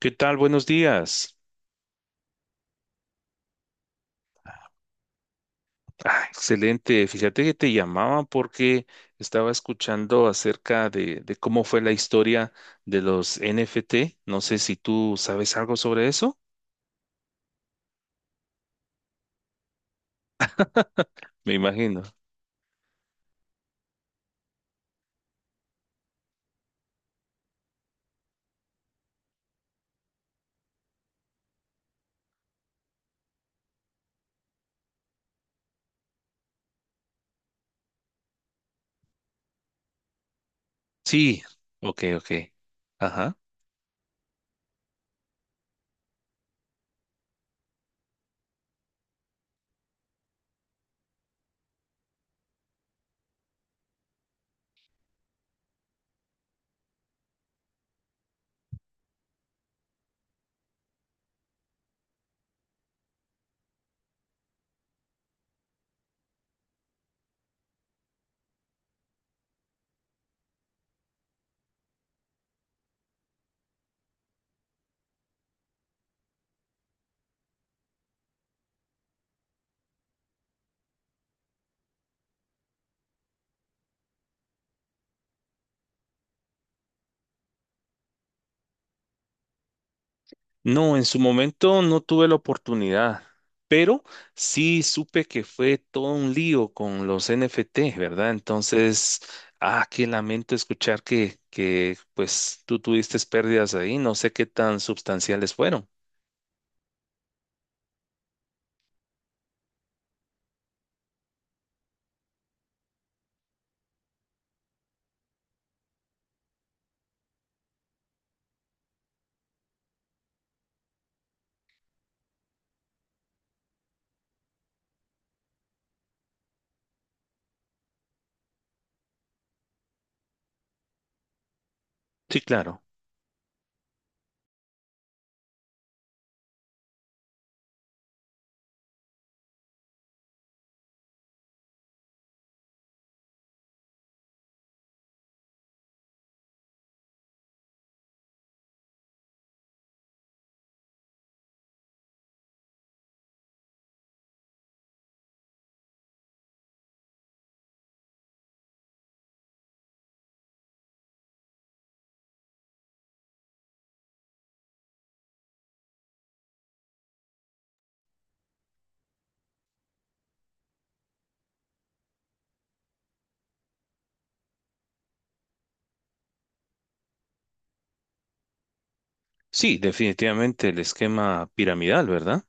¿Qué tal? Buenos días. Ah, excelente. Fíjate que te llamaba porque estaba escuchando acerca de cómo fue la historia de los NFT. No sé si tú sabes algo sobre eso. Me imagino. Sí. Ok, ok. Ajá. No, en su momento no tuve la oportunidad, pero sí supe que fue todo un lío con los NFTs, ¿verdad? Entonces, ah, qué lamento escuchar que pues tú tuviste pérdidas ahí, no sé qué tan sustanciales fueron. Sí, claro. Sí, definitivamente el esquema piramidal, ¿verdad?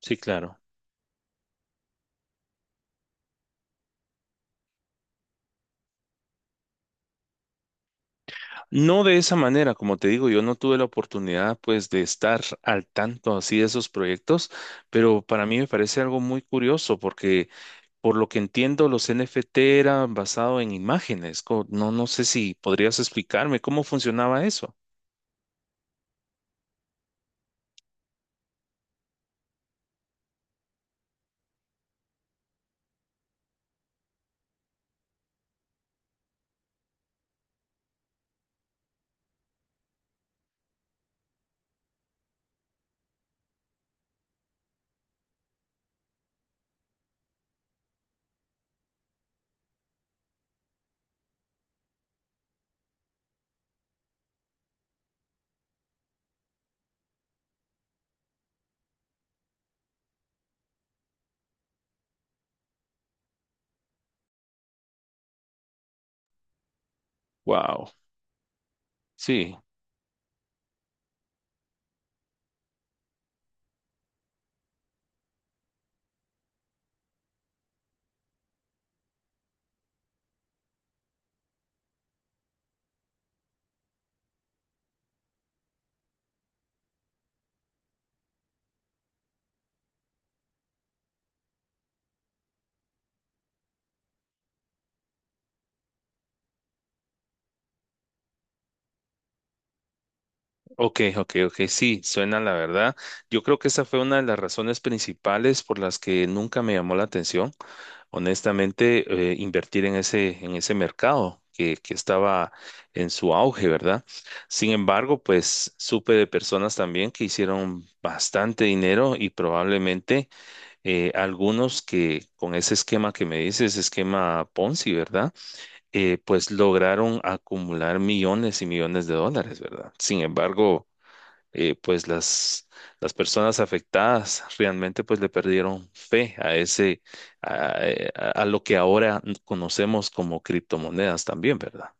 Sí, claro. No de esa manera, como te digo, yo no tuve la oportunidad pues de estar al tanto así de esos proyectos, pero para mí me parece algo muy curioso porque, por lo que entiendo, los NFT eran basados en imágenes. No, no sé si podrías explicarme cómo funcionaba eso. Wow. Sí. Ok, ok, ok. Sí, suena la verdad. Yo creo que esa fue una de las razones principales por las que nunca me llamó la atención, honestamente, invertir en ese mercado que estaba en su auge, ¿verdad? Sin embargo, pues supe de personas también que hicieron bastante dinero y probablemente algunos que con ese esquema que me dices, esquema Ponzi, ¿verdad? Pues lograron acumular millones y millones de dólares, ¿verdad? Sin embargo, pues las personas afectadas realmente pues le perdieron fe a ese, a lo que ahora conocemos como criptomonedas también, ¿verdad?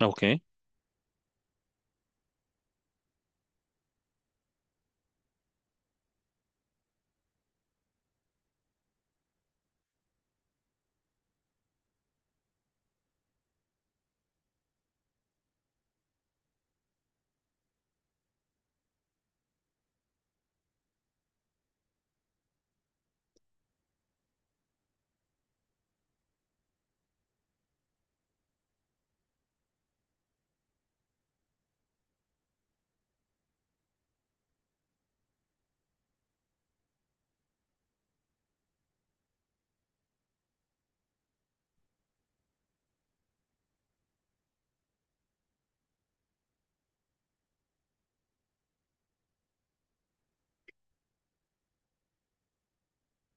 Ok, ¿de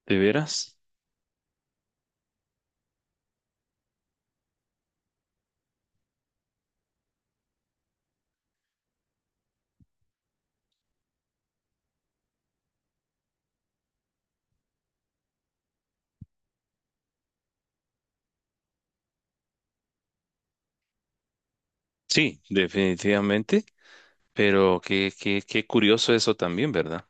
veras? Sí, definitivamente, pero qué, qué, qué curioso eso también, ¿verdad?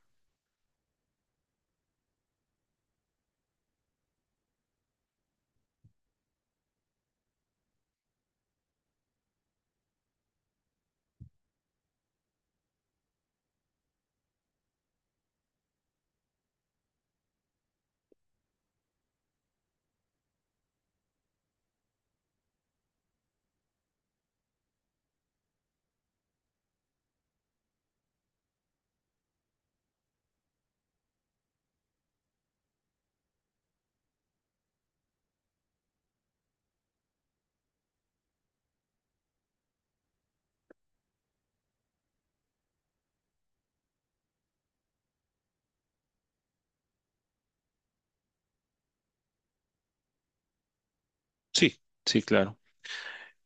Sí, sí, claro.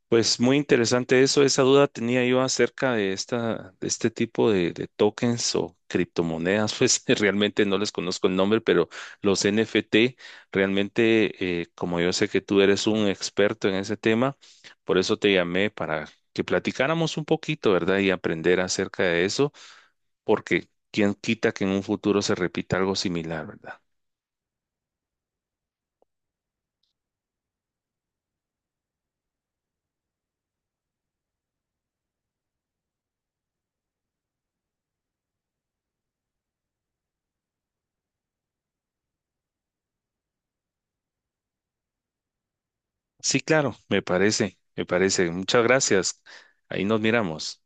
Pues muy interesante eso. Esa duda tenía yo acerca de esta, de este tipo de tokens o criptomonedas. Pues realmente no les conozco el nombre, pero los NFT, realmente, como yo sé que tú eres un experto en ese tema, por eso te llamé para que platicáramos un poquito, ¿verdad? Y aprender acerca de eso, porque quién quita que en un futuro se repita algo similar, ¿verdad? Sí, claro, me parece, me parece. Muchas gracias. Ahí nos miramos.